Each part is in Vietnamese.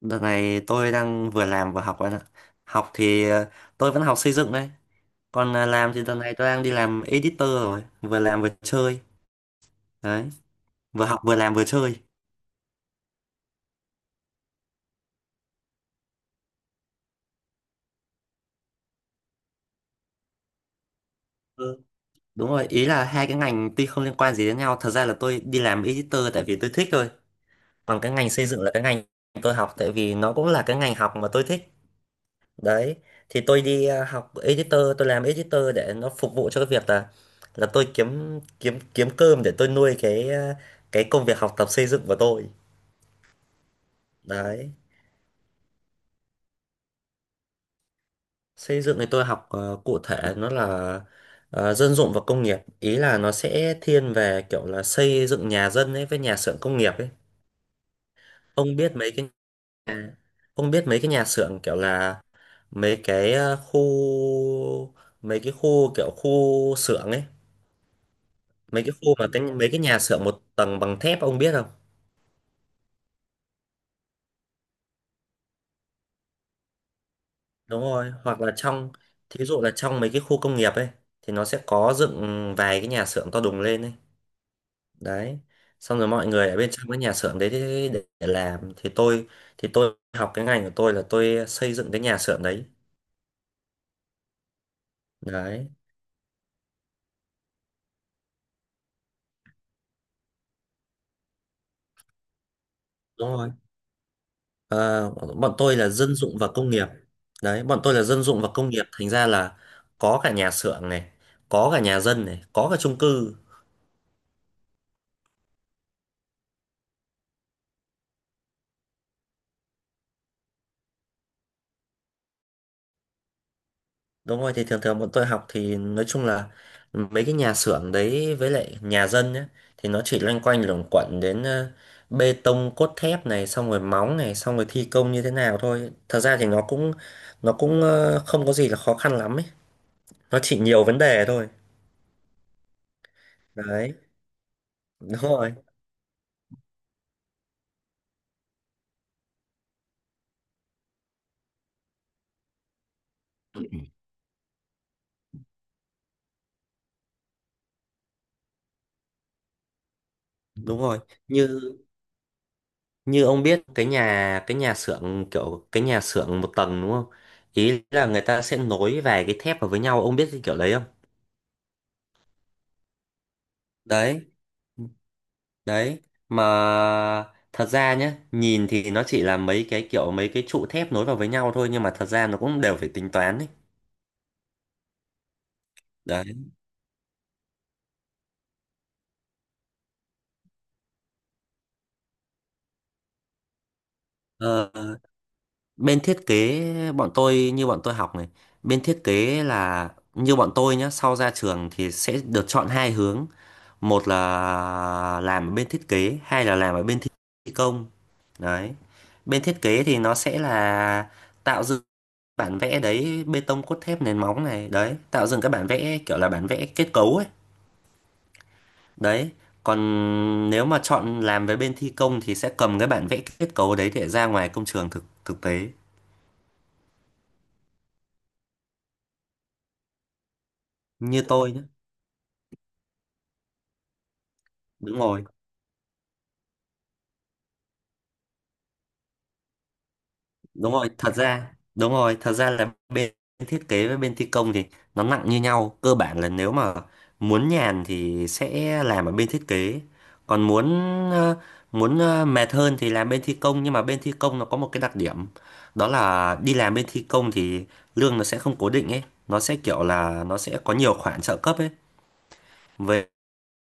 Đợt này tôi đang vừa làm vừa học bạn ạ. Học thì tôi vẫn học xây dựng đấy. Còn làm thì đợt này tôi đang đi làm editor rồi. Vừa làm vừa chơi. Đấy. Vừa học vừa làm vừa chơi. Ừ. Đúng rồi. Ý là hai cái ngành tuy không liên quan gì đến nhau. Thật ra là tôi đi làm editor tại vì tôi thích thôi. Còn cái ngành xây dựng là cái ngành tôi học tại vì nó cũng là cái ngành học mà tôi thích. Đấy thì tôi học editor, tôi làm editor để nó phục vụ cho cái việc là tôi kiếm kiếm kiếm cơm để tôi nuôi cái công việc học tập xây dựng của tôi. Đấy. Xây dựng thì tôi học cụ thể nó là dân dụng và công nghiệp, ý là nó sẽ thiên về kiểu là xây dựng nhà dân ấy với nhà xưởng công nghiệp ấy. ông biết mấy cái ông biết mấy cái nhà xưởng kiểu là mấy cái ờ, khu mấy cái khu kiểu khu xưởng ấy, mấy cái khu mà mấy cái nhà xưởng một tầng bằng thép, ông biết không? Đúng rồi, hoặc là thí dụ là trong mấy cái khu công nghiệp ấy thì nó sẽ có dựng vài cái nhà xưởng to đùng lên ấy. Đấy, xong rồi mọi người ở bên trong cái nhà xưởng đấy để làm. Thì tôi học cái ngành của tôi là tôi xây dựng cái nhà xưởng đấy. Đấy. Đúng rồi. Ờ, bọn tôi là dân dụng và công nghiệp. Đấy, bọn tôi là dân dụng và công nghiệp, thành ra là có cả nhà xưởng này, có cả nhà dân này, có cả chung cư. Đúng rồi, thì thường thường bọn tôi học thì nói chung là mấy cái nhà xưởng đấy với lại nhà dân nhá, thì nó chỉ loanh quanh luẩn quẩn đến bê tông cốt thép này, xong rồi móng này, xong rồi thi công như thế nào thôi. Thật ra thì nó cũng không có gì là khó khăn lắm ấy. Nó chỉ nhiều vấn đề thôi. Đấy, đúng rồi. Đúng rồi. Như Như ông biết cái nhà xưởng kiểu cái nhà xưởng một tầng đúng không? Ý là người ta sẽ nối vài cái thép vào với nhau, ông biết cái kiểu đấy không? Đấy. Đấy, mà thật ra nhé, nhìn thì nó chỉ là mấy cái trụ thép nối vào với nhau thôi, nhưng mà thật ra nó cũng đều phải tính toán ấy. Đấy. Ờ, bên thiết kế bọn tôi, như bọn tôi học này, bên thiết kế là như bọn tôi nhá, sau ra trường thì sẽ được chọn hai hướng. Một là làm ở bên thiết kế, hai là làm ở bên thi công. Đấy. Bên thiết kế thì nó sẽ là tạo dựng bản vẽ đấy, bê tông cốt thép nền móng này, đấy tạo dựng các bản vẽ kiểu là bản vẽ kết cấu ấy. Đấy, còn nếu mà chọn làm với bên thi công thì sẽ cầm cái bản vẽ kết cấu đấy để ra ngoài công trường thực thực tế. Như tôi nhé, đúng rồi. Đúng rồi, thật ra là bên thiết kế với bên thi công thì nó nặng như nhau. Cơ bản là nếu mà muốn nhàn thì sẽ làm ở bên thiết kế, còn muốn ờ, mệt hơn thì làm bên thi công. Nhưng mà bên thi công nó có một cái đặc điểm, đó là đi làm bên thi công thì lương nó sẽ không cố định ấy, nó sẽ kiểu là nó sẽ có nhiều khoản trợ cấp ấy. về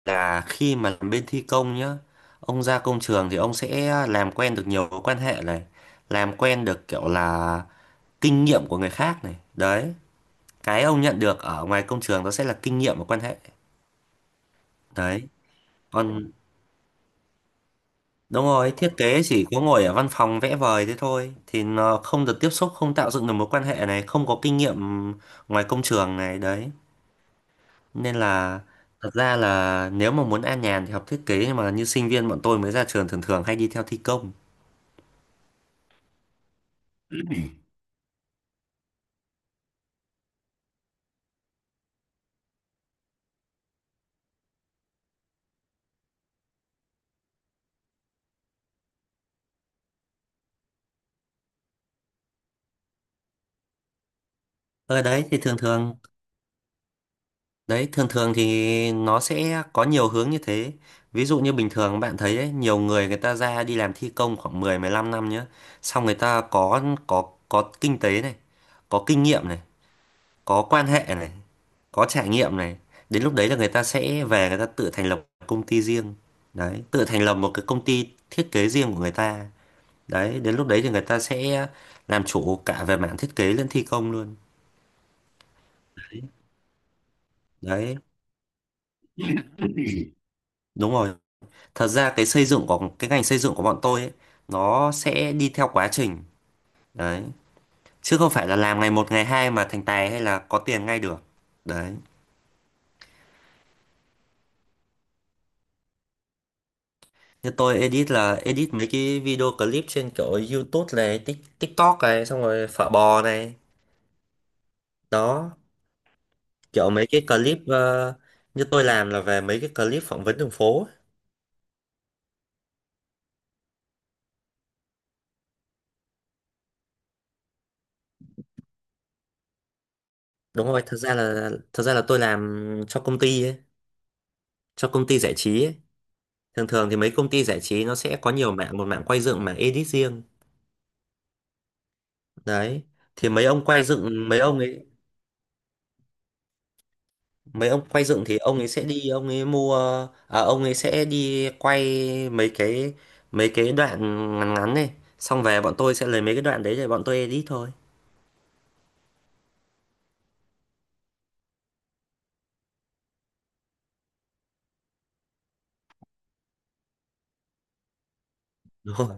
là khi mà làm bên thi công nhá, ông ra công trường thì ông sẽ làm quen được nhiều mối quan hệ này, làm quen được kiểu là kinh nghiệm của người khác này. Đấy, cái ông nhận được ở ngoài công trường đó sẽ là kinh nghiệm và quan hệ. Đấy, còn đúng rồi, thiết kế chỉ có ngồi ở văn phòng vẽ vời thế thôi thì nó không được tiếp xúc, không tạo dựng được mối quan hệ này, không có kinh nghiệm ngoài công trường này. Đấy nên là thật ra là nếu mà muốn an nhàn thì học thiết kế, nhưng mà như sinh viên bọn tôi mới ra trường thường thường hay đi theo thi công. Ở đấy thì thường thường Đấy, thường thường thì nó sẽ có nhiều hướng như thế. Ví dụ như bình thường bạn thấy ấy, nhiều người người ta ra đi làm thi công khoảng 10 15 năm nhá. Xong người ta có kinh tế này, có kinh nghiệm này, có quan hệ này, có trải nghiệm này. Đến lúc đấy là người ta sẽ về người ta tự thành lập công ty riêng. Đấy, tự thành lập một cái công ty thiết kế riêng của người ta. Đấy, đến lúc đấy thì người ta sẽ làm chủ cả về mảng thiết kế lẫn thi công luôn. Đấy, đúng rồi. Thật ra cái xây dựng của cái ngành xây dựng của bọn tôi ấy, nó sẽ đi theo quá trình. Đấy, chứ không phải là làm ngày một ngày hai mà thành tài hay là có tiền ngay được. Đấy. Như tôi edit là edit mấy cái video clip trên kiểu YouTube này, TikTok này, xong rồi phở bò này đó, kiểu mấy cái như tôi làm là về mấy cái clip phỏng vấn đường phố ấy. Đúng rồi thật ra là tôi làm cho công ty ấy, cho công ty giải trí ấy. Thường thường thì mấy công ty giải trí nó sẽ có nhiều mảng, một mảng quay dựng, mảng edit riêng. Đấy, thì mấy ông quay dựng, mấy ông ấy, mấy ông quay dựng thì ông ấy sẽ đi ông ấy mua ông ấy sẽ đi quay mấy cái đoạn ngắn ngắn này, xong về bọn tôi sẽ lấy mấy cái đoạn đấy để bọn tôi edit thôi. Đúng rồi.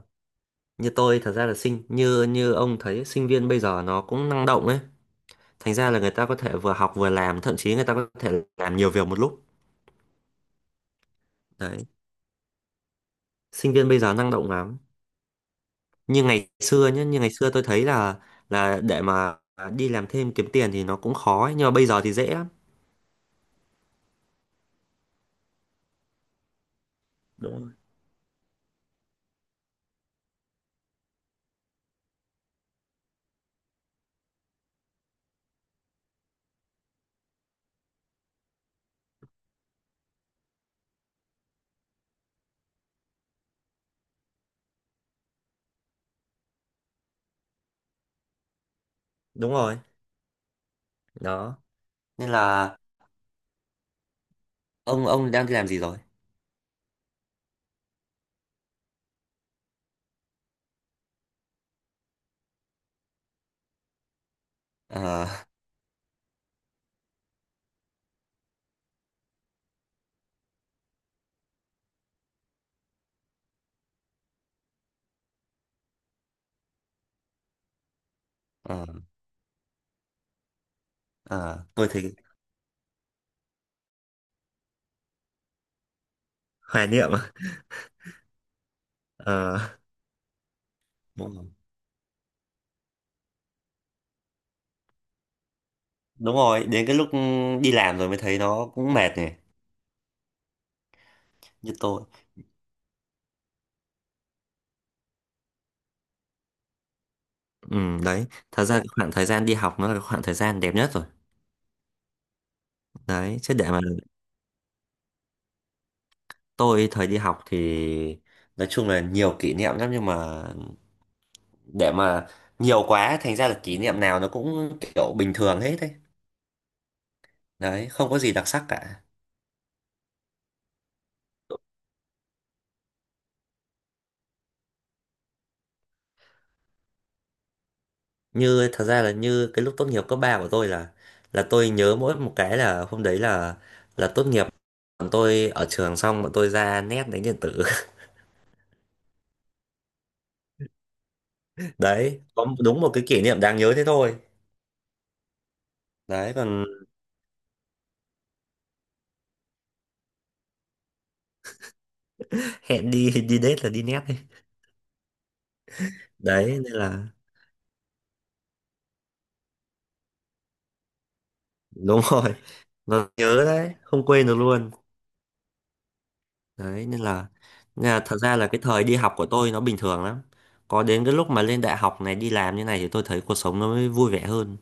Như tôi thật ra là sinh như Như ông thấy, sinh viên bây giờ nó cũng năng động ấy. Thành ra là người ta có thể vừa học vừa làm, thậm chí người ta có thể làm nhiều việc một lúc. Đấy. Sinh viên bây giờ năng động lắm. Như ngày xưa tôi thấy là để mà đi làm thêm kiếm tiền thì nó cũng khó ấy. Nhưng mà bây giờ thì dễ lắm, đúng rồi. Đúng rồi đó, nên là ông đang đi làm gì rồi? ờ ờ ờ tôi thấy hoài niệm à? Ờ đúng rồi. Đúng rồi, đến cái lúc đi làm rồi mới thấy nó cũng mệt này. Như tôi, ừ, đấy, thật ra khoảng thời gian đi học nó là khoảng thời gian đẹp nhất rồi. Đấy chứ, để mà tôi thời đi học thì nói chung là nhiều kỷ niệm lắm, nhưng mà để mà nhiều quá thành ra là kỷ niệm nào nó cũng kiểu bình thường hết đấy. Đấy, không có gì đặc sắc cả. Như thật ra là như Cái lúc tốt nghiệp cấp 3 của tôi là tôi nhớ mỗi một cái là hôm đấy là tốt nghiệp bọn tôi ở trường, xong bọn tôi ra nét đánh điện tử đấy, có đúng một cái kỷ niệm đáng nhớ thế thôi. Đấy, còn hẹn đi đi date là đi nét đấy. Đấy nên là đúng rồi, nó nhớ đấy, không quên được luôn. Đấy nên là thật ra là cái thời đi học của tôi nó bình thường lắm. Có đến cái lúc mà lên đại học này, đi làm như này thì tôi thấy cuộc sống nó mới vui vẻ hơn.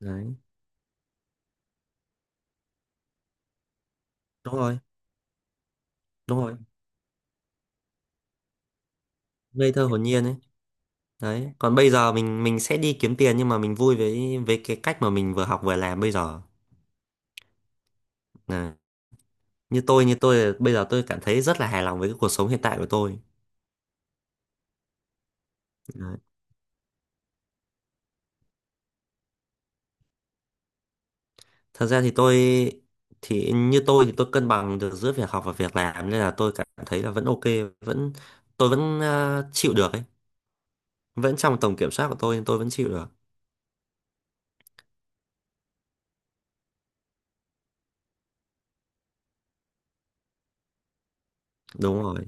Đấy, đúng rồi, đúng rồi. Ngây thơ hồn nhiên ấy. Đấy, còn bây giờ mình sẽ đi kiếm tiền, nhưng mà mình vui với cái cách mà mình vừa học vừa làm bây giờ. Này, như tôi bây giờ tôi cảm thấy rất là hài lòng với cái cuộc sống hiện tại của tôi. Đấy. Thật ra thì tôi thì Như tôi thì tôi cân bằng được giữa việc học và việc làm, nên là tôi cảm thấy là vẫn ok, vẫn, tôi vẫn chịu được ấy, vẫn trong tầm kiểm soát của tôi, nhưng tôi vẫn chịu được. Đúng rồi.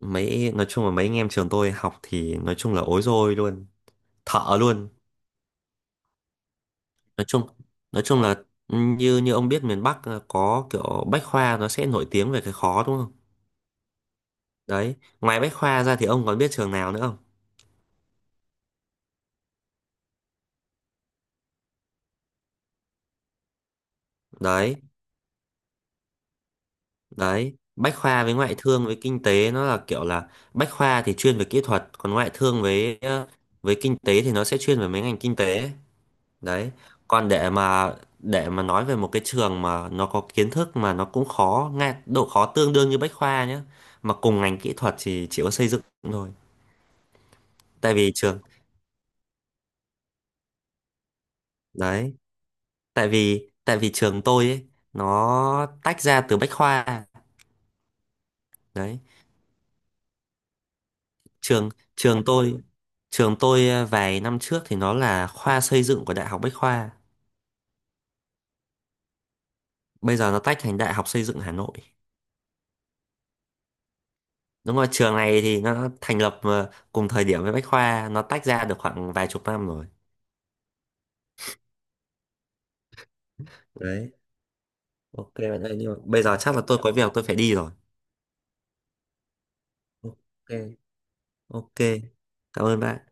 Nói chung là mấy anh em trường tôi học thì nói chung là ối rồi luôn, thợ luôn. nói chung nói chung là như như ông biết miền Bắc có kiểu Bách Khoa nó sẽ nổi tiếng về cái khó đúng không. Đấy, ngoài Bách Khoa ra thì ông còn biết trường nào nữa không? Đấy Đấy, Bách Khoa với ngoại thương với kinh tế nó là kiểu là Bách Khoa thì chuyên về kỹ thuật, còn ngoại thương với với kinh tế thì nó sẽ chuyên về mấy ngành kinh tế. Đấy, còn để mà nói về một cái trường mà nó có kiến thức mà nó cũng khó, ngay độ khó tương đương như Bách Khoa nhé, mà cùng ngành kỹ thuật thì chỉ có xây dựng thôi. Tại vì trường Đấy, tại vì trường tôi ấy nó tách ra từ Bách Khoa. Đấy, trường trường tôi trường tôi vài năm trước thì nó là khoa xây dựng của Đại học Bách Khoa, bây giờ nó tách thành Đại học Xây dựng Hà Nội. Đúng rồi, trường này thì nó thành lập cùng thời điểm với Bách Khoa, nó tách ra được khoảng vài chục năm rồi. Đấy, ok bạn ơi, nhưng mà bây giờ chắc là tôi có việc tôi phải đi rồi. Ok. Ok, cảm ơn bạn.